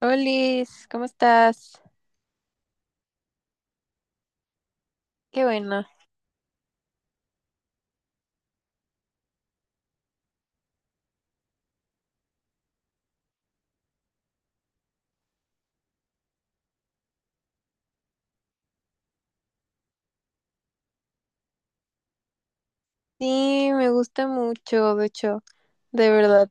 Olis, ¿cómo estás? Qué bueno. Sí, me gusta mucho, de hecho, de verdad,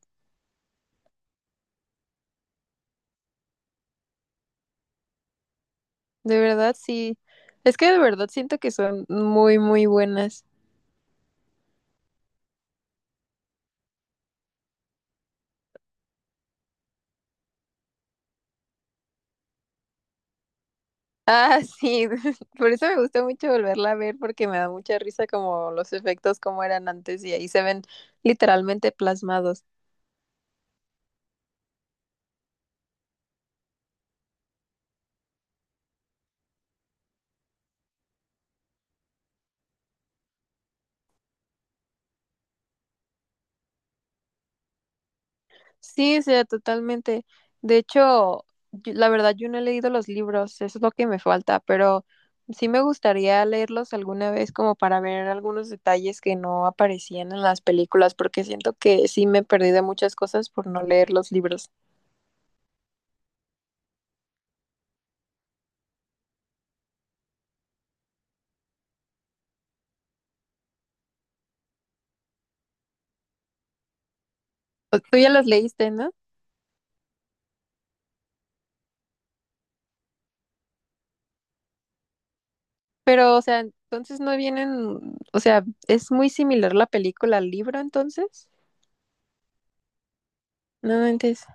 de verdad sí. Es que de verdad siento que son muy, muy buenas. Ah, sí, por eso me gusta mucho volverla a ver porque me da mucha risa como los efectos como eran antes y ahí se ven literalmente plasmados. Sí, sí, totalmente. De hecho, la verdad yo no he leído los libros, eso es lo que me falta, pero sí me gustaría leerlos alguna vez como para ver algunos detalles que no aparecían en las películas, porque siento que sí me perdí de muchas cosas por no leer los libros. O- Tú ya los leíste, ¿no? Pero, o sea, entonces no vienen, o sea, es muy similar la película al libro, entonces. No mentes.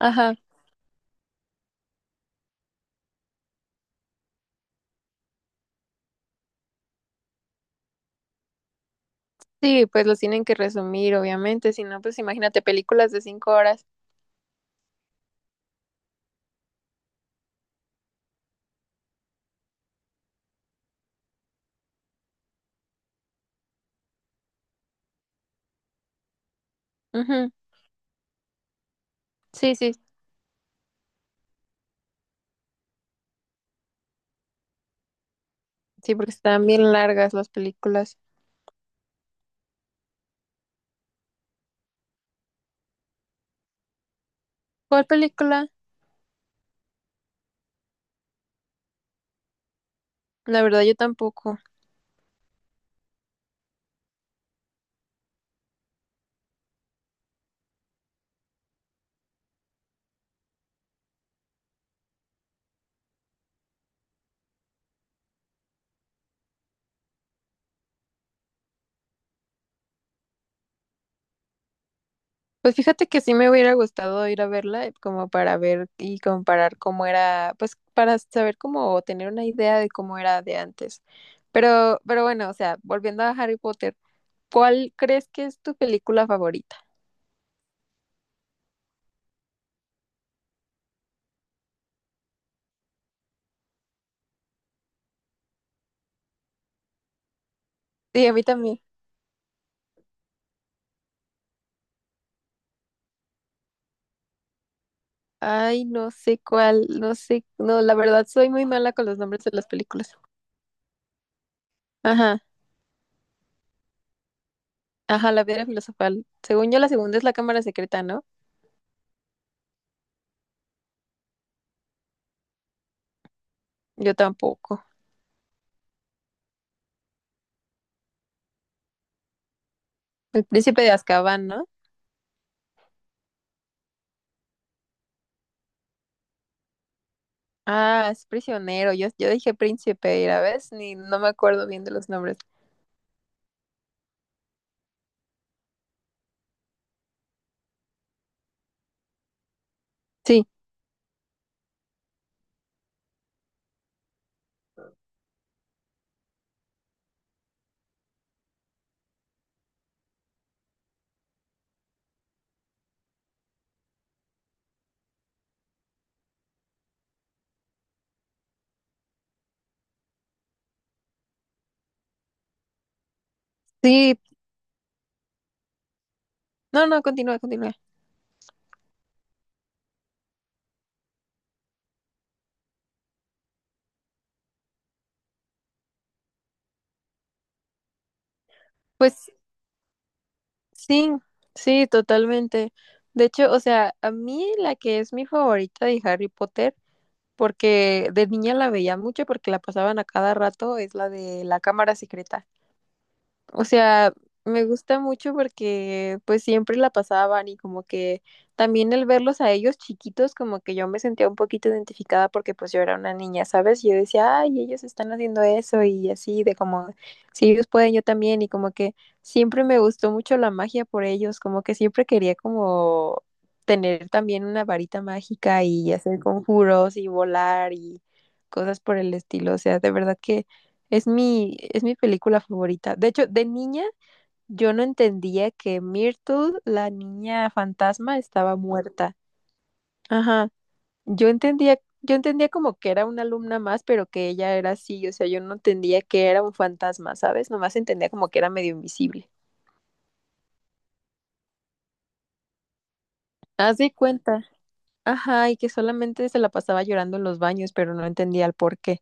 Ajá. Sí, pues los tienen que resumir, obviamente, si no, pues imagínate películas de 5 horas. Ujú. Sí, sí, sí, porque están bien largas las películas. ¿Cuál película? La verdad, yo tampoco. Pues fíjate que sí me hubiera gustado ir a verla, como para ver y comparar cómo era, pues para saber cómo o tener una idea de cómo era de antes. Pero bueno, o sea, volviendo a Harry Potter, ¿cuál crees que es tu película favorita? Sí, a mí también. Ay, no sé cuál, no sé, no, la verdad soy muy mala con los nombres de las películas. Ajá, ajá, la piedra filosofal. Según yo, la segunda es la cámara secreta, ¿no? Yo tampoco. El príncipe de Azkaban, ¿no? Ah, es prisionero. Yo dije príncipe, y la ves, ni no me acuerdo bien de los nombres. Sí, sí. No, no, continúa, continúa. Pues sí, sí, totalmente. De hecho, o sea, a mí la que es mi favorita de Harry Potter, porque de niña la veía mucho porque la pasaban a cada rato, es la de la cámara secreta. O sea, me gusta mucho porque pues siempre la pasaban y como que también el verlos a ellos chiquitos, como que yo me sentía un poquito identificada porque pues yo era una niña, ¿sabes? Yo decía, ay, ellos están haciendo eso y así, de como, si ellos pueden, yo también y como que siempre me gustó mucho la magia por ellos, como que siempre quería como tener también una varita mágica y hacer conjuros y volar y cosas por el estilo, o sea, de verdad que... Es mi película favorita. De hecho, de niña yo no entendía que Myrtle, la niña fantasma, estaba muerta. Ajá. Yo entendía como que era una alumna más, pero que ella era así. O sea, yo no entendía que era un fantasma, ¿sabes? Nomás entendía como que era medio invisible. Haz de cuenta. Ajá, y que solamente se la pasaba llorando en los baños, pero no entendía el por qué.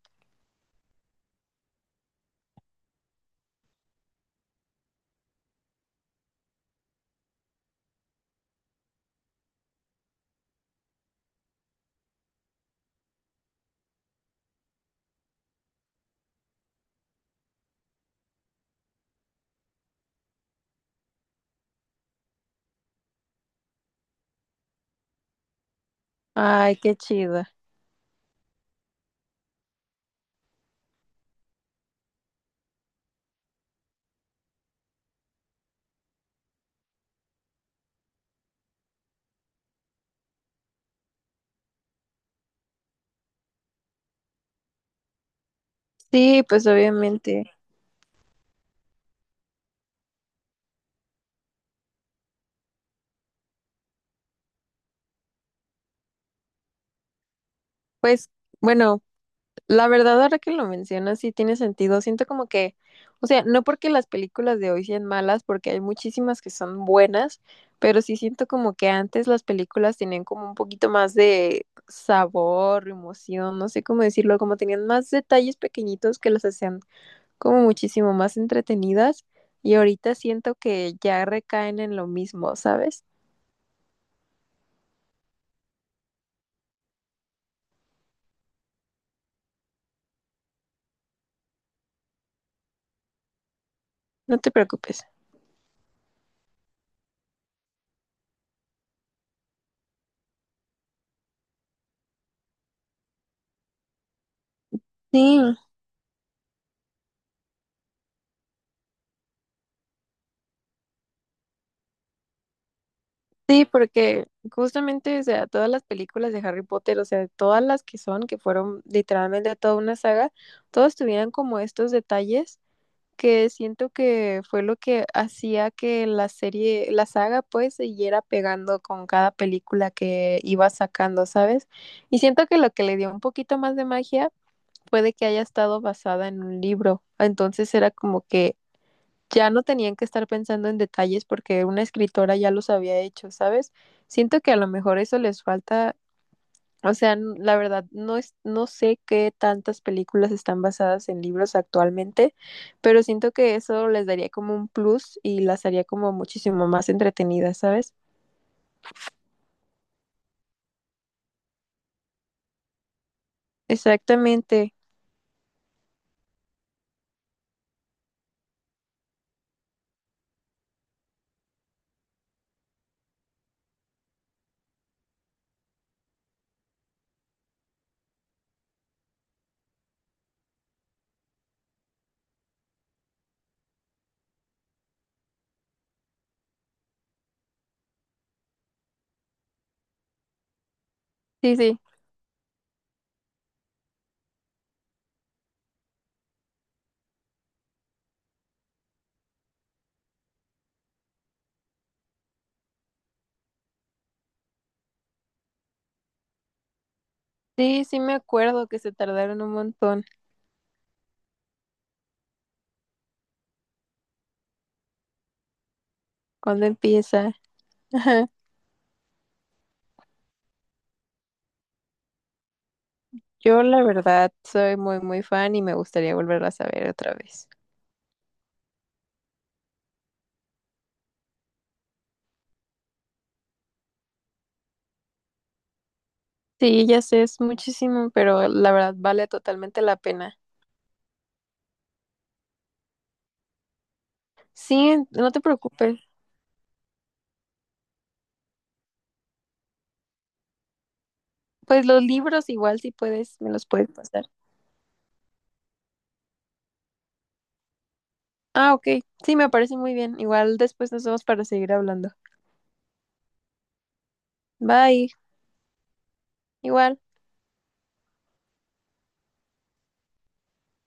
Ay, qué chido. Sí, pues obviamente. Pues, bueno, la verdad, ahora que lo mencionas, sí tiene sentido. Siento como que, o sea, no porque las películas de hoy sean malas, porque hay muchísimas que son buenas, pero sí siento como que antes las películas tenían como un poquito más de sabor, emoción, no sé cómo decirlo, como tenían más detalles pequeñitos que las hacían como muchísimo más entretenidas y ahorita siento que ya recaen en lo mismo, ¿sabes? No te preocupes. Sí, sí, porque justamente, o sea, todas las películas de Harry Potter, o sea, todas las que son, que fueron literalmente toda una saga, todas tuvieran como estos detalles que siento que fue lo que hacía que la serie, la saga, pues, siguiera pegando con cada película que iba sacando, ¿sabes? Y siento que lo que le dio un poquito más de magia fue de que haya estado basada en un libro. Entonces era como que ya no tenían que estar pensando en detalles porque una escritora ya los había hecho, ¿sabes? Siento que a lo mejor eso les falta, o sea, la verdad, no sé qué tantas películas están basadas en libros actualmente, pero siento que eso les daría como un plus y las haría como muchísimo más entretenidas, ¿sabes? Exactamente. Sí, sí. Sí, sí me acuerdo que se tardaron un montón. ¿Cuándo empieza? Ajá. Yo la verdad soy muy, muy fan y me gustaría volverlas a ver otra vez. Sí, ya sé, es muchísimo, pero la verdad vale totalmente la pena. Sí, no te preocupes. Pues los libros igual si puedes, me los puedes pasar. Ah, ok. Sí, me parece muy bien. Igual después nos vemos para seguir hablando. Bye. Igual.